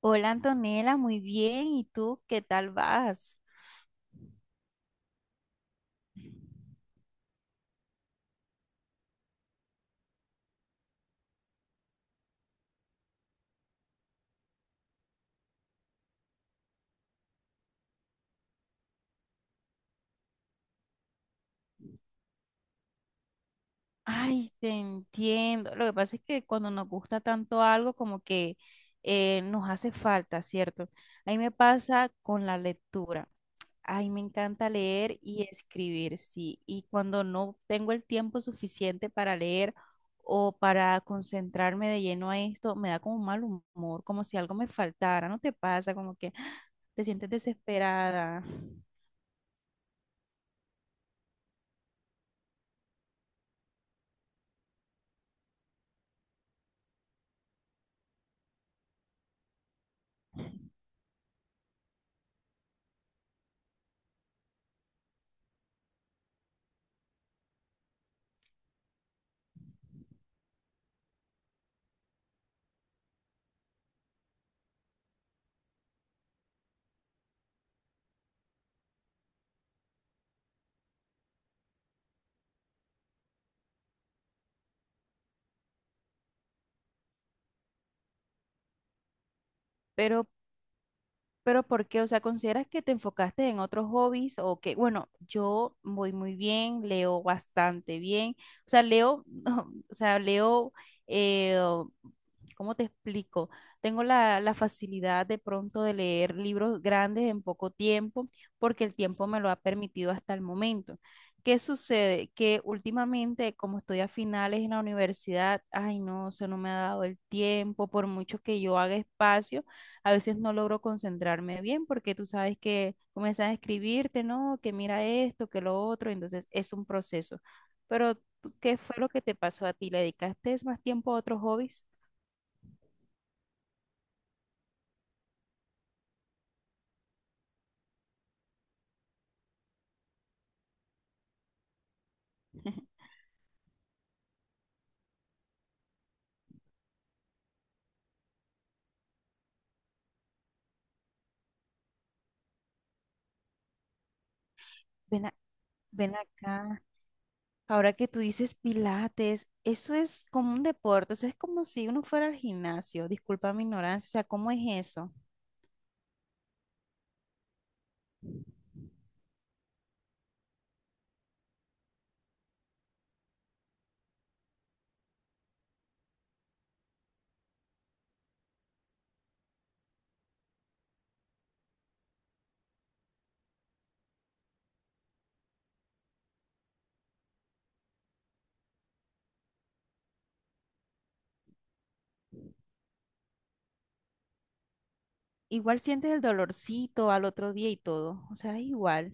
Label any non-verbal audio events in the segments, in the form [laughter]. Hola Antonella, muy bien. ¿Y tú qué tal vas? Ay, te entiendo. Lo que pasa es que cuando nos gusta tanto algo, como que nos hace falta, ¿cierto? A mí me pasa con la lectura. Ay, me encanta leer y escribir, sí. Y cuando no tengo el tiempo suficiente para leer o para concentrarme de lleno a esto, me da como un mal humor, como si algo me faltara. ¿No te pasa? Como que te sientes desesperada. Pero Pero ¿por qué? O sea, ¿consideras que te enfocaste en otros hobbies o que, bueno, yo voy muy bien, leo bastante bien, o sea, leo, [laughs] o sea, leo, eh, ¿cómo te explico? Tengo la facilidad de pronto de leer libros grandes en poco tiempo porque el tiempo me lo ha permitido hasta el momento. ¿Qué sucede? Que últimamente, como estoy a finales en la universidad, ay no, eso no me ha dado el tiempo, por mucho que yo haga espacio a veces no logro concentrarme bien porque tú sabes que comienzas a escribirte, ¿no? Que mira esto, que lo otro, entonces es un proceso. Pero, ¿tú ¿qué fue lo que te pasó a ti? ¿Le dedicaste más tiempo a otros hobbies? Ven, a- ven acá. Ahora que tú dices pilates, eso es como un deporte, o sea, es como si uno fuera al gimnasio, disculpa mi ignorancia, o sea, ¿cómo es eso? Igual sientes el dolorcito al otro día y todo, o sea, es igual.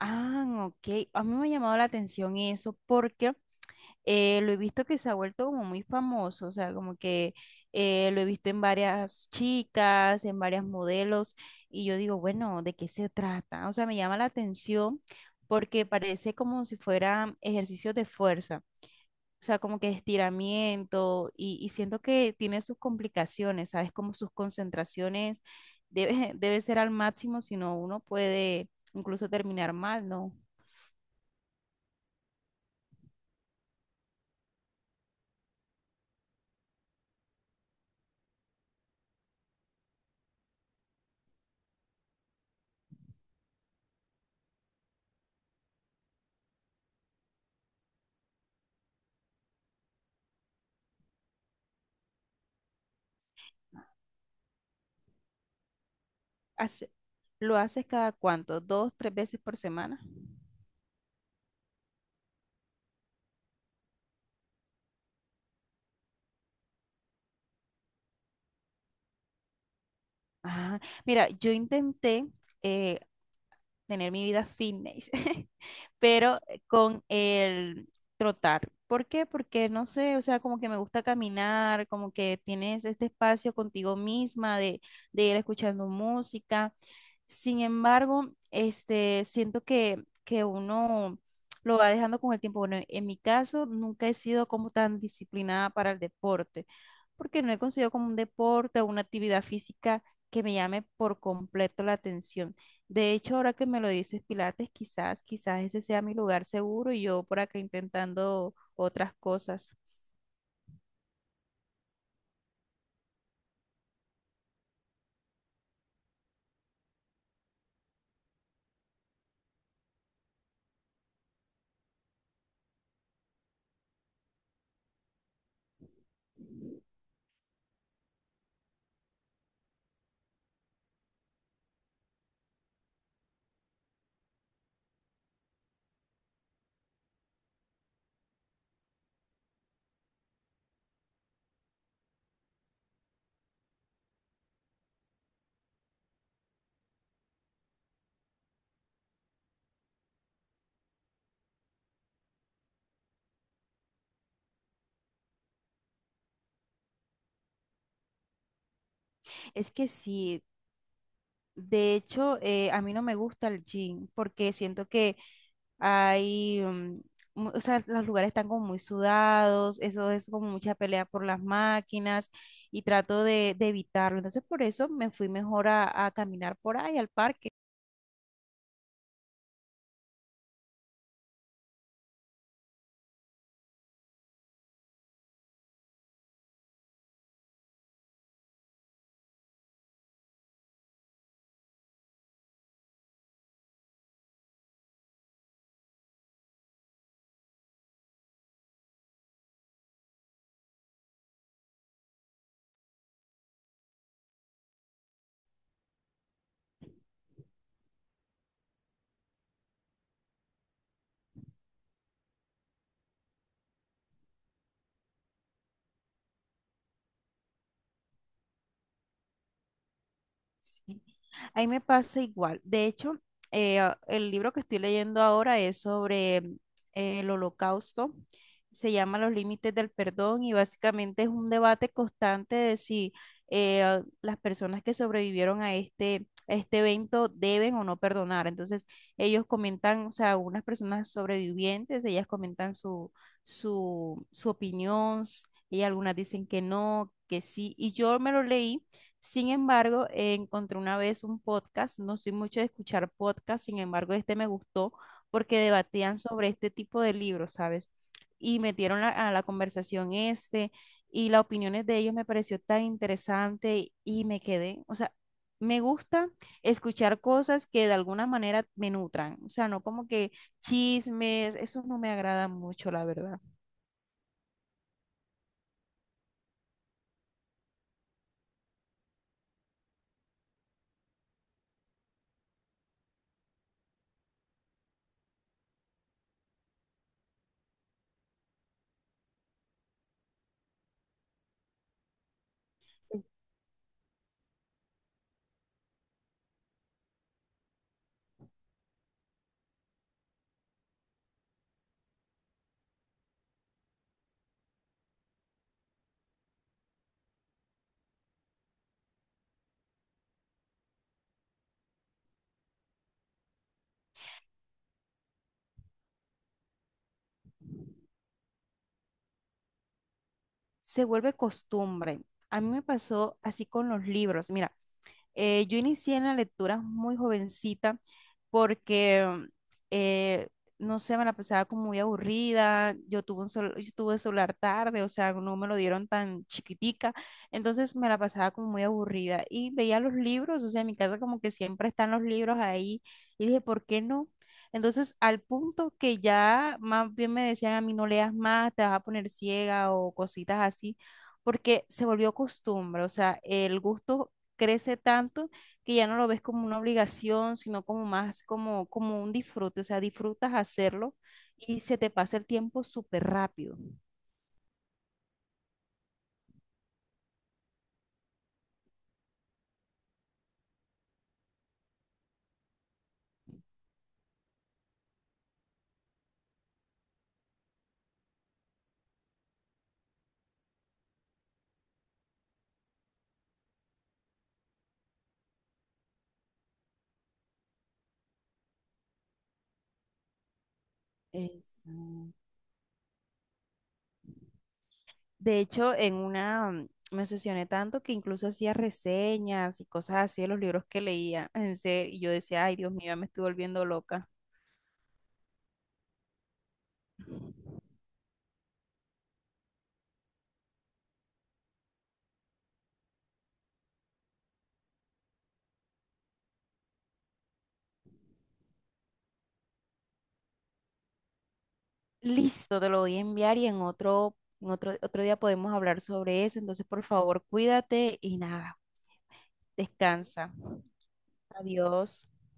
Ah, ok. A mí me ha llamado la atención eso porque lo he visto que se ha vuelto como muy famoso, o sea, como que lo he visto en varias chicas, en varias modelos, y yo digo, bueno, ¿de qué se trata? O sea, me llama la atención porque parece como si fueran ejercicios de fuerza. O sea, como que estiramiento y siento que tiene sus complicaciones, ¿sabes? Como sus concentraciones debe, [laughs] debe ser al máximo, si no uno puede incluso terminar mal, ¿no? Hace- ¿Lo haces cada cuánto? ¿Dos, tres veces por semana? Ah, mira, yo intenté eh, tener mi vida fitness, [laughs] pero con el trotar. ¿Por qué? Porque no sé, o sea, como que me gusta caminar, como que tienes este espacio contigo misma de ir escuchando música, sin embargo, este, siento que uno lo va dejando con el tiempo. Bueno, en mi caso, nunca he sido como tan disciplinada para el deporte, porque no he conseguido como un deporte o una actividad física que me llame por completo la atención. De hecho, ahora que me lo dices, Pilates, quizás, quizás ese sea mi lugar seguro y yo por acá intentando otras cosas. Es que sí, de hecho, a mí no me gusta el gym porque siento que hay, o sea, los lugares están como muy sudados, eso es como mucha pelea por las máquinas y trato de evitarlo. Entonces, por eso me fui mejor a caminar por ahí al parque. A mí me pasa igual. De hecho, el libro que estoy leyendo ahora es sobre el Holocausto. Se llama Los límites del perdón y básicamente es un debate constante de si las personas que sobrevivieron a este evento deben o no perdonar. Entonces, ellos comentan, o sea, unas personas sobrevivientes, ellas comentan su opinión, y algunas dicen que no, que sí. Y yo me lo leí, sin embargo, encontré una vez un podcast, no soy mucho de escuchar podcast, sin embargo, este me gustó porque debatían sobre este tipo de libros, ¿sabes? Y metieron a la conversación este y las opiniones de ellos me pareció tan interesante y me quedé, o sea, me gusta escuchar cosas que de alguna manera me nutran, o sea, no como que chismes, eso no me agrada mucho, la verdad. Se vuelve costumbre. A mí me pasó así con los libros. Mira, yo inicié en la lectura muy jovencita porque, eh, no sé, me la pasaba como muy aburrida. Yo tuve celular tarde, o sea, no me lo dieron tan chiquitica. Entonces me la pasaba como muy aburrida y veía los libros, o sea, en mi casa como que siempre están los libros ahí. Y dije, ¿por qué no? Entonces, al punto que ya más bien me decían a mí, no leas más, te vas a poner ciega o cositas así, porque se volvió costumbre, o sea, el gusto crece tanto que ya no lo ves como una obligación, sino como más como, como un disfrute, o sea, disfrutas hacerlo y se te pasa el tiempo súper rápido. Exacto. De hecho, en una me obsesioné tanto que incluso hacía reseñas y cosas así de los libros que leía, en serio, y yo decía, ay, Dios mío, ya me estoy volviendo loca. Listo, te lo voy a enviar y en en otro día podemos hablar sobre eso. Entonces, por favor, cuídate y nada, descansa. Adiós.